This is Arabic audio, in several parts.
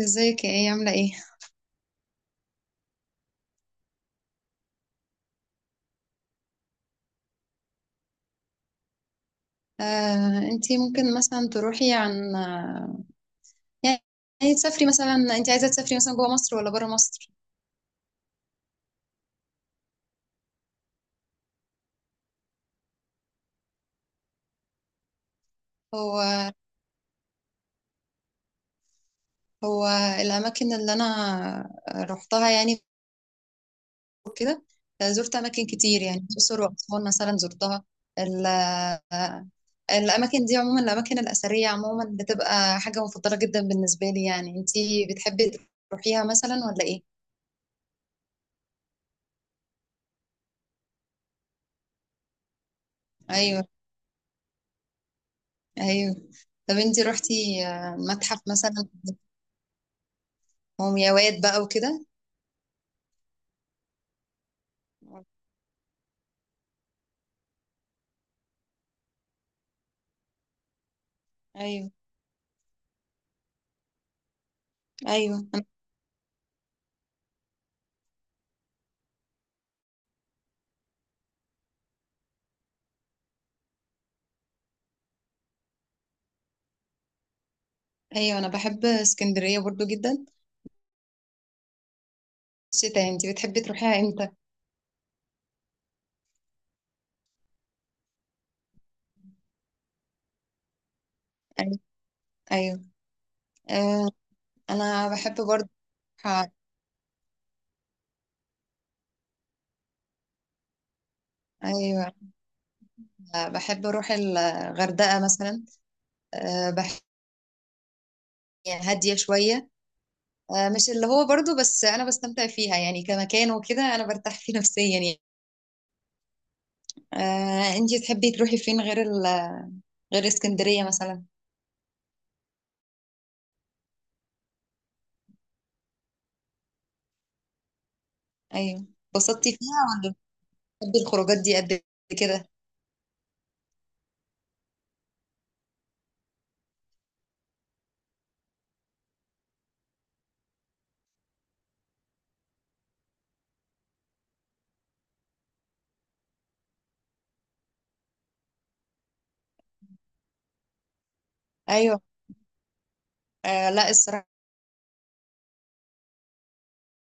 ازيك يا ايه عاملة ايه؟ انتي ممكن مثلا تروحي عن آه، يعني تسافري مثلا انت عايزة تسافري مثلا جوه مصر ولا بره مصر؟ هو هو الأماكن اللي أنا رحتها يعني كده. زرت أماكن كتير يعني الأقصر وأسوان مثلا زرتها. ال- آه، الأماكن دي عموما الأماكن الأثرية عموما بتبقى حاجة مفضلة جدا بالنسبة لي، يعني انتي بتحبي تروحيها مثلا ولا ايه؟ ايوه، ايوه، طب انتي روحتي متحف مثلا ومياوات بقى وكده؟ ايوه، ايوه، ايوه انا بحب اسكندريه برضو جدا. الشتاء انتي بتحبي تروحيها امتى؟ ايوه، ايوه، آه انا بحب برضو. أروح- ايوه، بحب اروح الغردقه مثلا. آه بحب يعني هاديه شويه. آه مش اللي هو برضو، بس انا بستمتع فيها يعني كمكان وكده، انا برتاح فيه نفسيا يعني. آه انتي تحبي تروحي فين غير ال... غير اسكندريه مثلا؟ ايوه، اتبسطتي فيها ولا؟ بتحبي الخروجات دي قد كده؟ ايوه، آه لا الصراحة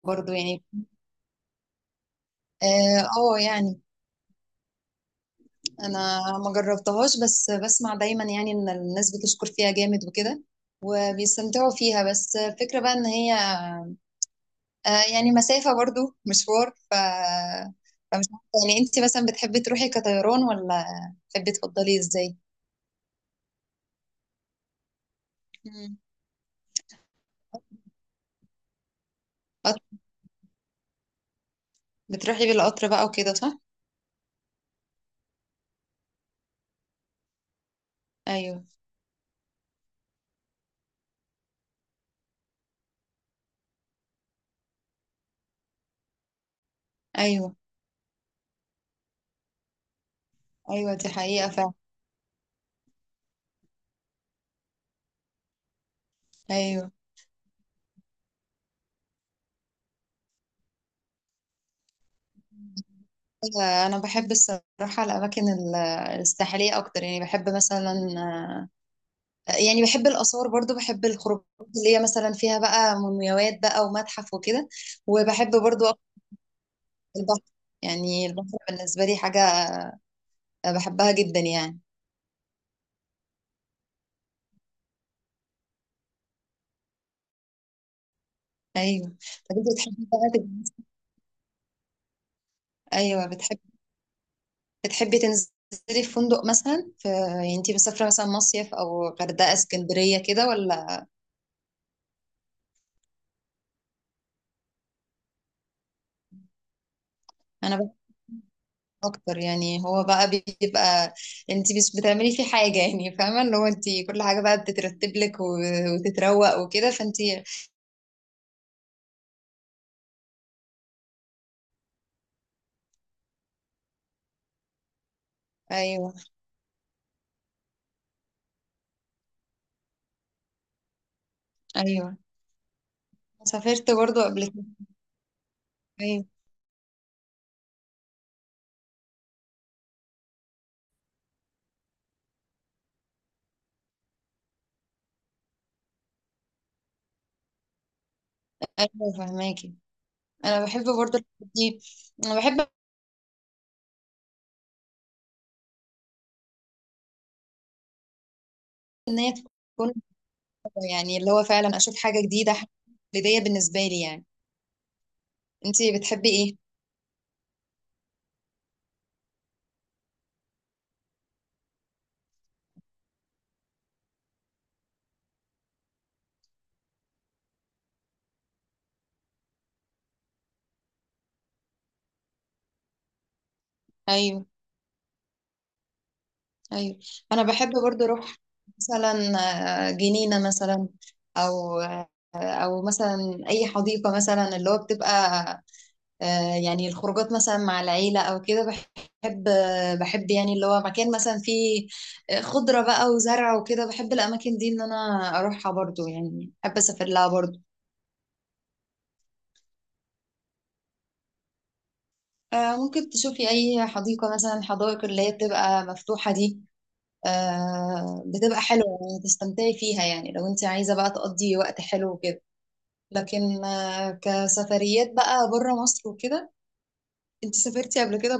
برضو يعني. اه، يعني انا ما جربتهاش بس بسمع دايما يعني ان الناس بتشكر فيها جامد وكده وبيستمتعوا فيها، بس الفكرة بقى ان هي آه يعني مسافة برضو مشوار. فمش عارفة يعني، انت مثلا بتحبي تروحي كطيران ولا بتحبي تفضلي ازاي؟ مم. قط- بتروحي بالقطر بقى وكده صح؟ ايوه، ايوه، ايوه دي حقيقة فعلا. ايوه انا بحب الصراحه الاماكن الساحليه اكتر، يعني بحب مثلا، يعني بحب الاثار برضو، بحب الخروجات اللي هي مثلا فيها بقى مومياوات بقى ومتحف وكده، وبحب برضو أكتر البحر. يعني البحر بالنسبه لي حاجه بحبها جدا يعني. ايوه، طب انت بتحبي بقى ايوه بتحبي، بتحبي تنزلي في فندق مثلا، في يعني انت مسافره مثلا مصيف او غردقه اسكندريه كده ولا؟ انا اكتر يعني، هو بقى بيبقى انت مش بتعملي فيه حاجه يعني، فاهمه اللي هو انت كل حاجه بقى بتترتب لك وتتروق وكده فانت. ايوه، ايوه، سافرت برضو قبل كده. ايوه، ايوه فهماكي. انا بحب برضو الحاجات دي، انا بحب ان هي تكون، يعني اللي هو فعلا اشوف حاجه جديده، حاجة بدايه بالنسبه لي يعني. انت بتحبي ايه؟ ايوه، ايوه، انا بحب برضو اروح مثلا جنينه مثلا، او او مثلا اي حديقه مثلا، اللي هو بتبقى يعني الخروجات مثلا مع العيله او كده، بحب بحب يعني اللي هو مكان مثلا فيه خضره بقى وزرع وكده. بحب الاماكن دي ان انا اروحها برضو، يعني بحب اسافر لها برضو. ممكن تشوفي اي حديقه مثلا، الحدائق اللي هي بتبقى مفتوحه دي بتبقى حلوه يعني تستمتعي فيها، يعني لو انت عايزه بقى تقضي وقت حلو وكده. لكن كسفريات بقى بره مصر وكده، انت سافرتي قبل كده؟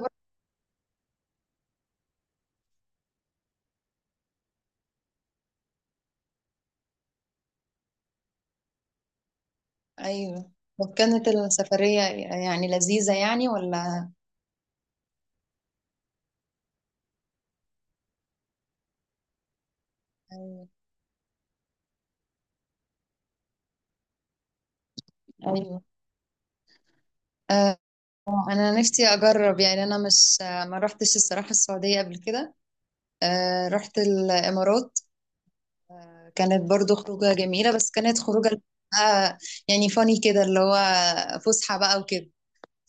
ايوه، وكانت السفرية يعني لذيذة يعني ولا؟ ايوه، ايوه، آه انا نفسي اجرب، يعني انا مش ما رحتش الصراحة السعودية قبل كده. آه رحت الامارات، كانت برضو خروجة جميلة بس كانت خروجة آه يعني فاني كده اللي هو فسحة بقى وكده،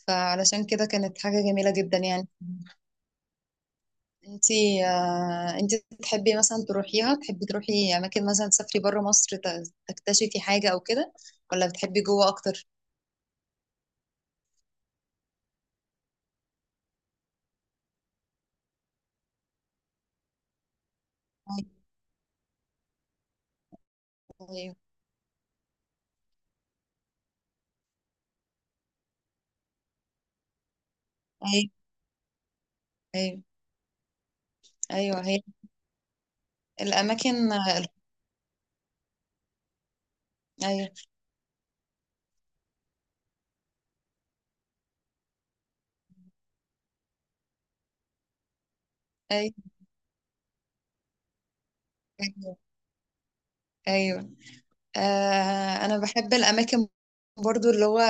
فعلشان كده كانت حاجة جميلة جدا يعني. انتي آه انتي تحبي مثلا تروحيها، تحبي تروحي اماكن مثلا تسافري بره مصر تكتشفي حاجة او كده، ولا بتحبي جوه اكتر؟ ايوه، ايوه، ايوه، ايوه، أيوة، أيوة، أيوة، أيوة، هي الاماكن. ايوه، ايوه، ايوه، ايوه، آه انا بحب الاماكن برضو، اللي هو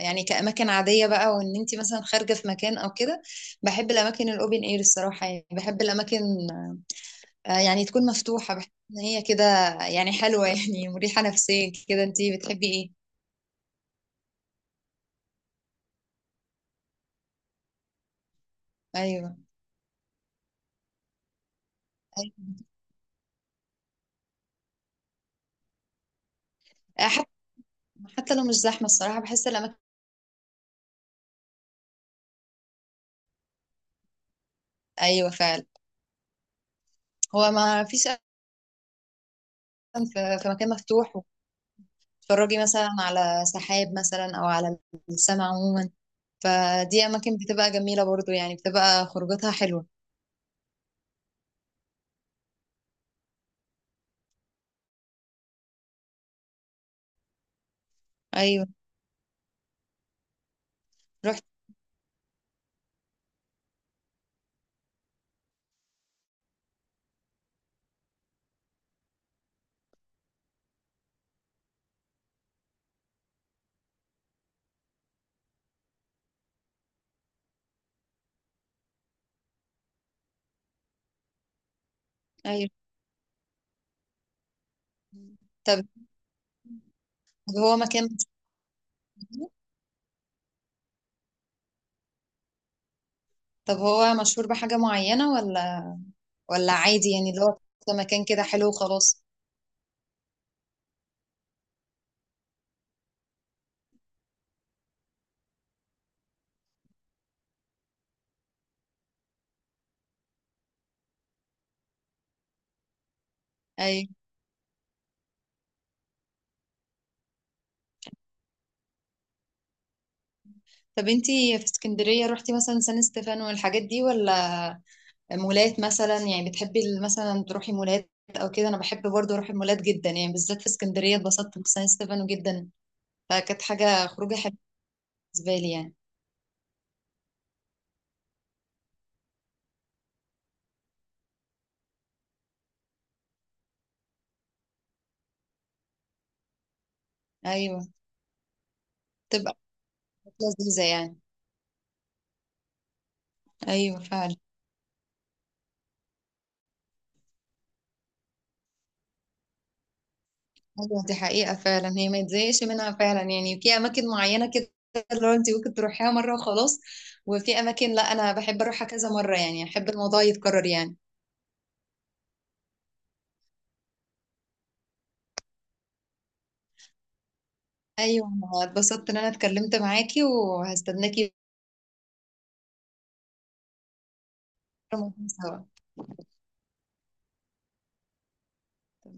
يعني كاماكن عاديه بقى، وان انت مثلا خارجه في مكان او كده، بحب الاماكن الاوبن اير الصراحه. يعني بحب الاماكن آه يعني تكون مفتوحه، بحس ان هي كده يعني حلوه يعني مريحه نفسيا كده. انت بتحبي ايه؟ ايوه، ايوه، آه، حتى حتى لو مش زحمه الصراحه بحس الاماكن. ايوه فعلا، هو ما فيش أحسن في في مكان مفتوح، تتفرجي مثلا على سحاب مثلا او على السماء عموما، فدي اماكن بتبقى جميله برضو، يعني بتبقى خروجاتها حلوه. ايوه رحت. ايوه، طب. طب هو مكان مشهور؟ طب هو مشهور بحاجه معينه ولا، ولا عادي يعني اللي هو مكان كده حلو وخلاص؟ ايوه، طب انتي في اسكندريه رحتي مثلا سان ستيفانو والحاجات دي ولا؟ مولات مثلا، يعني بتحبي مثلا تروحي مولات او كده؟ انا بحب برضو اروح المولات جدا يعني، بالذات في اسكندريه اتبسطت بسان ستيفانو جدا، فكانت حاجه خروجه حلوه بالنسبة لي يعني. أيوة، تبقى حاجات لذيذة يعني. أيوة فعلا، أيوة دي حقيقة فعلا، هي ما تزهقش منها فعلا يعني. في أماكن معينة كده اللي هو أنت ممكن تروحيها مرة وخلاص، وفي أماكن لا، أنا بحب أروحها كذا مرة يعني، أحب الموضوع يتكرر يعني. أيوة، أنا اتبسطت إن أنا اتكلمت معاكي، وهستناكي مرة سوا.